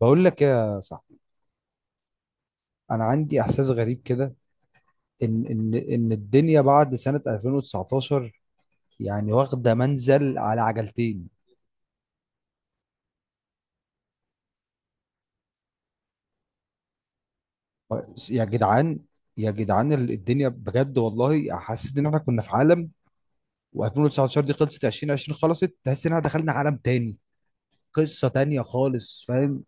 بقول لك يا صاحبي، انا عندي احساس غريب كده، ان الدنيا بعد سنة 2019 يعني واخدة منزل على عجلتين. يا جدعان، يا جدعان، الدنيا بجد والله حسيت ان احنا كنا في عالم، و2019 دي خلصت، 2020 خلصت، تحس ان احنا دخلنا عالم تاني، قصة تانية خالص، فاهم؟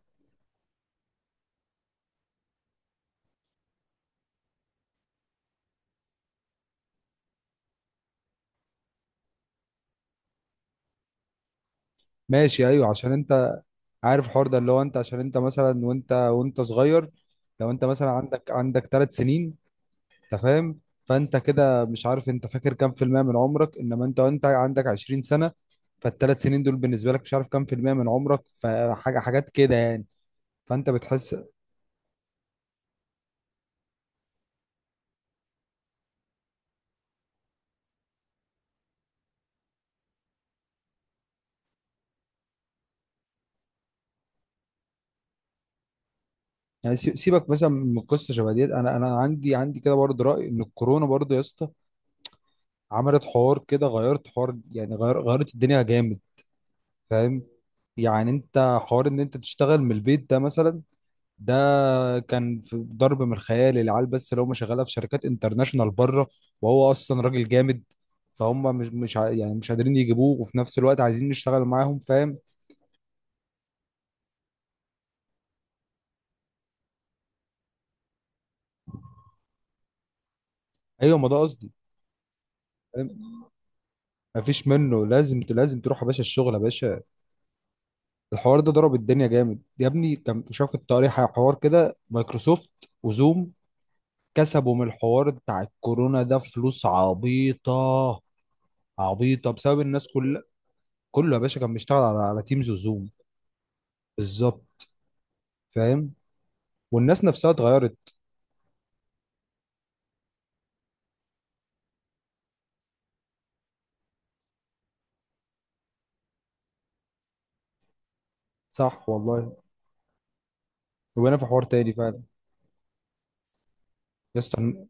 ماشي، ايوه، عشان انت عارف الحوار ده، اللي هو انت عشان انت مثلا وانت صغير، لو انت مثلا عندك ثلاث سنين، انت فاهم؟ فانت كده مش عارف انت فاكر كام في المية من عمرك، انما انت وانت عندك 20 سنة، فالثلاث سنين دول بالنسبة لك مش عارف كام في المية من عمرك، فحاجة حاجات كده يعني، فانت بتحس. يعني سيبك مثلا من قصة شبه ديت، انا عندي كده برضه رأي ان الكورونا برضه يا اسطى عملت حوار كده، غيرت حوار، يعني غير غيرت الدنيا جامد، فاهم؟ يعني انت حوار ان انت تشتغل من البيت ده مثلا، ده كان في ضرب من الخيال، العيال بس اللي هم شغاله في شركات انترناشونال بره، وهو اصلا راجل جامد، فهم مش يعني مش قادرين يجيبوه، وفي نفس الوقت عايزين نشتغل معاهم، فاهم؟ ايوه، ما ده قصدي. فاهم؟ مفيش منه، لازم تروح يا باشا الشغل يا باشا. الحوار ده ضرب الدنيا جامد يا ابني، كان شاف كنت قاري حوار كده، مايكروسوفت وزوم كسبوا من الحوار بتاع الكورونا ده فلوس عبيطه، عبيطه بسبب الناس كلها، كله يا باشا كان بيشتغل على تيمز وزوم. بالظبط. فاهم؟ والناس نفسها اتغيرت. صح والله، وانا في حوار تاني فعلا. يا اسطى،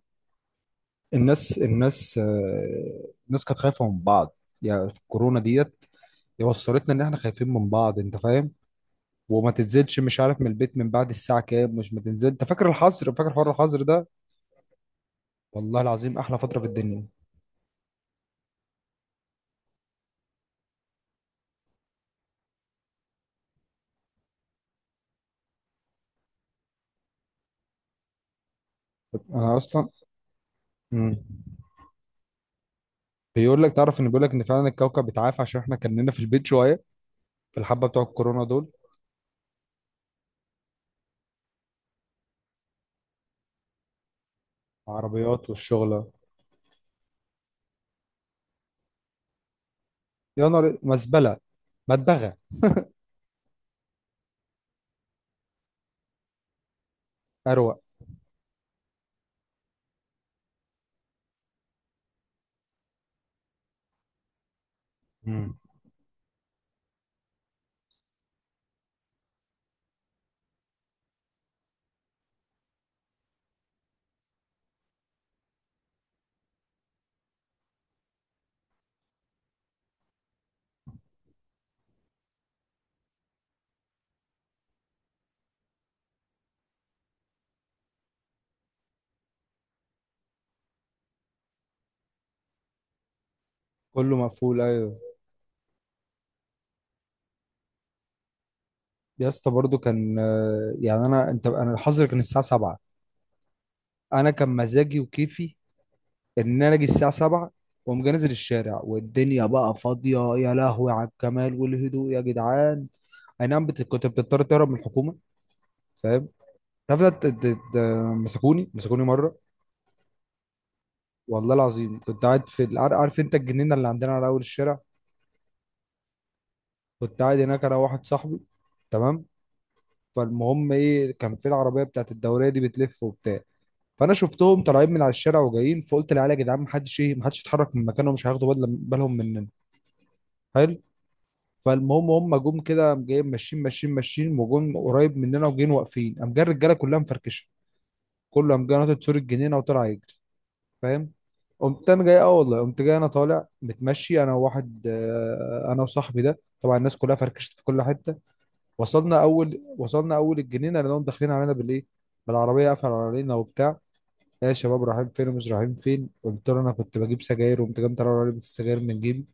الناس كانت خايفه من بعض، يعني في الكورونا ديت وصلتنا ان احنا خايفين من بعض، انت فاهم؟ وما تنزلش، مش عارف، من البيت من بعد الساعه كام، مش ما تنزل، انت فاكر الحظر، فاكر حوار الحظر ده؟ والله العظيم احلى فتره في الدنيا. انا اصلا. مم. بيقول لك، تعرف ان بيقول لك ان فعلا الكوكب بيتعافى عشان احنا كنا في البيت شويه في الحبه بتوع الكورونا دول. عربيات والشغله. يا نهار مزبله، مدبغه، اروق. مم. كله مقفول، ايوه. يا اسطى برضو كان، يعني انا الحظر كان الساعه 7، انا كان مزاجي وكيفي ان انا اجي الساعه 7 واقوم جاي نازل الشارع والدنيا بقى فاضيه، يا لهوي على الجمال والهدوء يا جدعان. اي نعم، كنت بتضطر تهرب من الحكومه، فاهم؟ تعرف ده مسكوني مره، والله العظيم كنت قاعد في عارف انت الجنينه اللي عندنا على اول الشارع، كنت قاعد هناك انا واحد صاحبي، تمام. فالمهم ايه، كان في العربيه بتاعت الدوريه دي بتلف وبتاع، فانا شفتهم طالعين من على الشارع وجايين، فقلت للعيال يا جدعان، محدش يتحرك من مكانه، مش هياخدوا بالهم مننا، حلو. فالمهم، هم جم كده قام جايين ماشيين ماشيين ماشيين، وجم قريب مننا وجايين واقفين، قام جاي الرجاله كلها مفركشه، كله قام جاي ناطط سور الجنينه وطلع يجري، فاهم؟ قمت انا جاي، اه والله، قمت جاي انا طالع متمشي انا وواحد آه، انا وصاحبي ده، طبعا الناس كلها فركشت في كل حته. وصلنا اول الجنينه لانهم داخلين علينا بالايه، بالعربيه قافله علينا وبتاع، يا شباب رايحين فين ومش رايحين فين، قلت له انا كنت بجيب سجاير، وقمت جاي مطلع علبه السجاير من جيبي،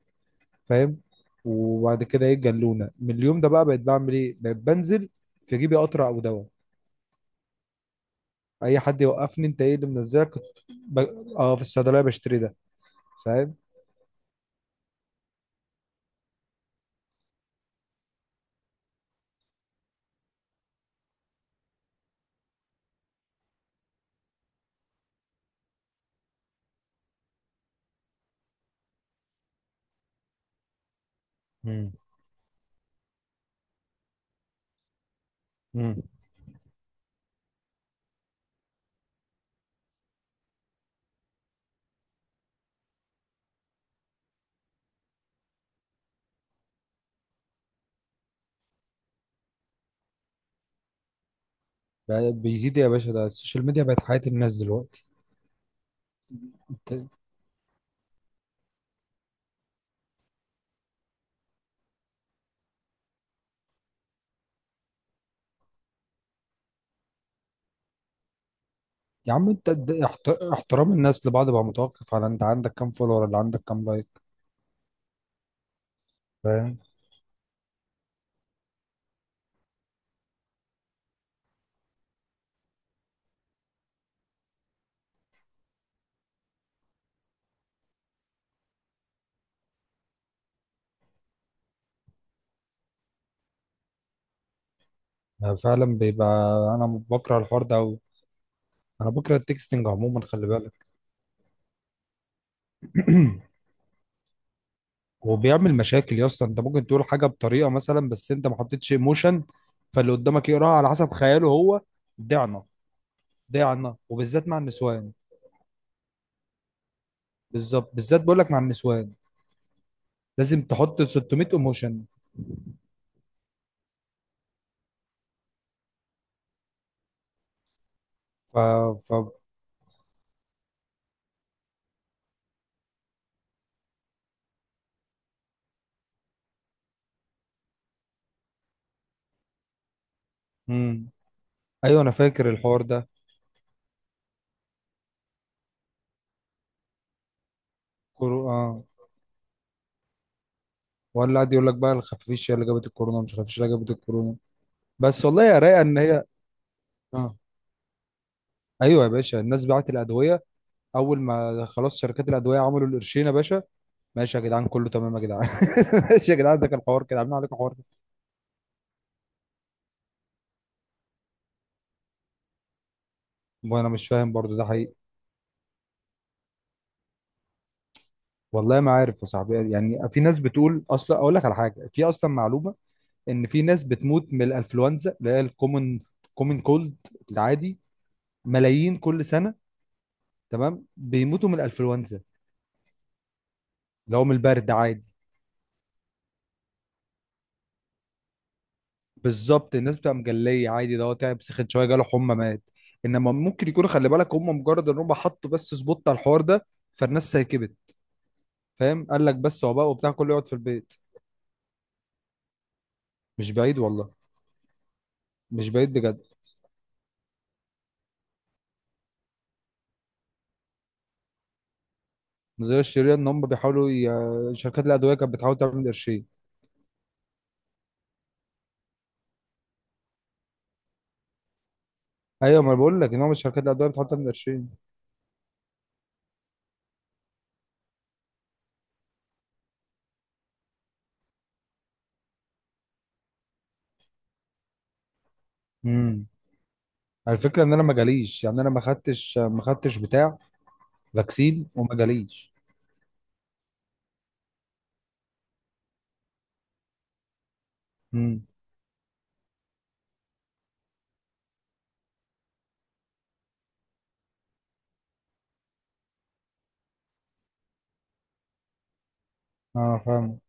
فاهم؟ وبعد كده ايه، جلونه من اليوم ده بقى، بقيت بعمل ايه، بقيت بنزل في جيبي قطره او دواء، اي حد يوقفني انت ايه اللي منزلك كنت ب... اه، في الصيدليه بشتري ده، فاهم؟ مم. مم. بقى بيزيد يا باشا، ده السوشيال ميديا بقت حياة الناس دلوقتي. انت. يا عم انت، احترام الناس لبعض بقى متوقف على انت عندك كام فولور ولا عندك كام لايك، فاهم؟ أنا فعلا بيبقى، انا بكره الحوار ده، انا بكره التكستنج عموما، خلي بالك. وبيعمل مشاكل يا اسطى، انت ممكن تقول حاجه بطريقه مثلا بس انت ما حطيتش ايموشن، فاللي قدامك يقراها على حسب خياله هو. ضعنا. ضعنا، وبالذات مع النسوان. بالظبط، بالذات بقول لك مع النسوان لازم تحط 600 ايموشن. ف ف مم. ايوه، انا فاكر الحوار ده. اه. ولا قاعد يقول لك بقى الخفافيش هي اللي جابت الكورونا، مش الخفافيش اللي جابت الكورونا، بس والله يا رايقه ان هي. اه، ايوه يا باشا، الناس بعت الادويه، اول ما خلاص شركات الادويه عملوا القرشين يا باشا. ماشي يا جدعان، كله تمام يا جدعان. ماشي يا جدعان، ده كان حوار كده، عاملين عليكم حوار كده. وانا مش فاهم برضو، ده حقيقي؟ والله ما عارف يا صاحبي، يعني في ناس بتقول، اصلا اقول لك على حاجه، في اصلا معلومه ان في ناس بتموت من الانفلونزا اللي هي الكومن، كومن كولد، العادي، ملايين كل سنه، تمام، بيموتوا من الانفلونزا اللي هو من البرد عادي. بالظبط، الناس بتبقى مجليه عادي، ده هو تعب، سخن شويه، جاله حمى، مات. انما ممكن يكونوا، خلي بالك، هم مجرد ان هم حطوا بس سبوت على الحوار ده، فالناس سايكبت، فاهم؟ قال لك، بس هو بقى وبتاع كله يقعد في البيت. مش بعيد والله. مش بعيد بجد. نظريه الشريره ان هم بيحاولوا، ي... شركات الادويه كانت بتحاول تعمل قرشين. ايوه، ما أنا بقول لك ان هم شركات الادويه بتحاول تعمل قرشين. امم الفكره ان انا ما جاليش، يعني انا ما خدتش بتاع فاكسين وما جاليش. امم اه، فاهم.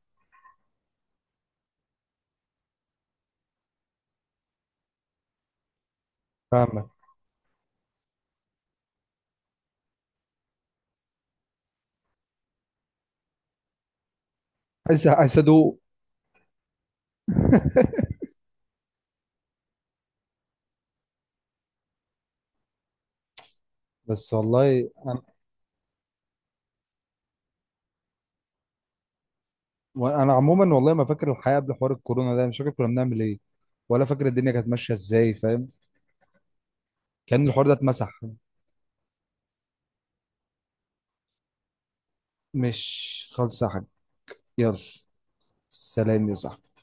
فاهمك. عايز ادوق. بس والله انا. وأنا عموما والله ما فاكر الحياه قبل حوار الكورونا ده، مش فاكر كنا بنعمل ايه، ولا فاكر الدنيا كانت ماشيه ازاي، فاهم؟ كان الحوار ده اتمسح. مش خالصة يا حاج. يلا. سلام يا صاحبي.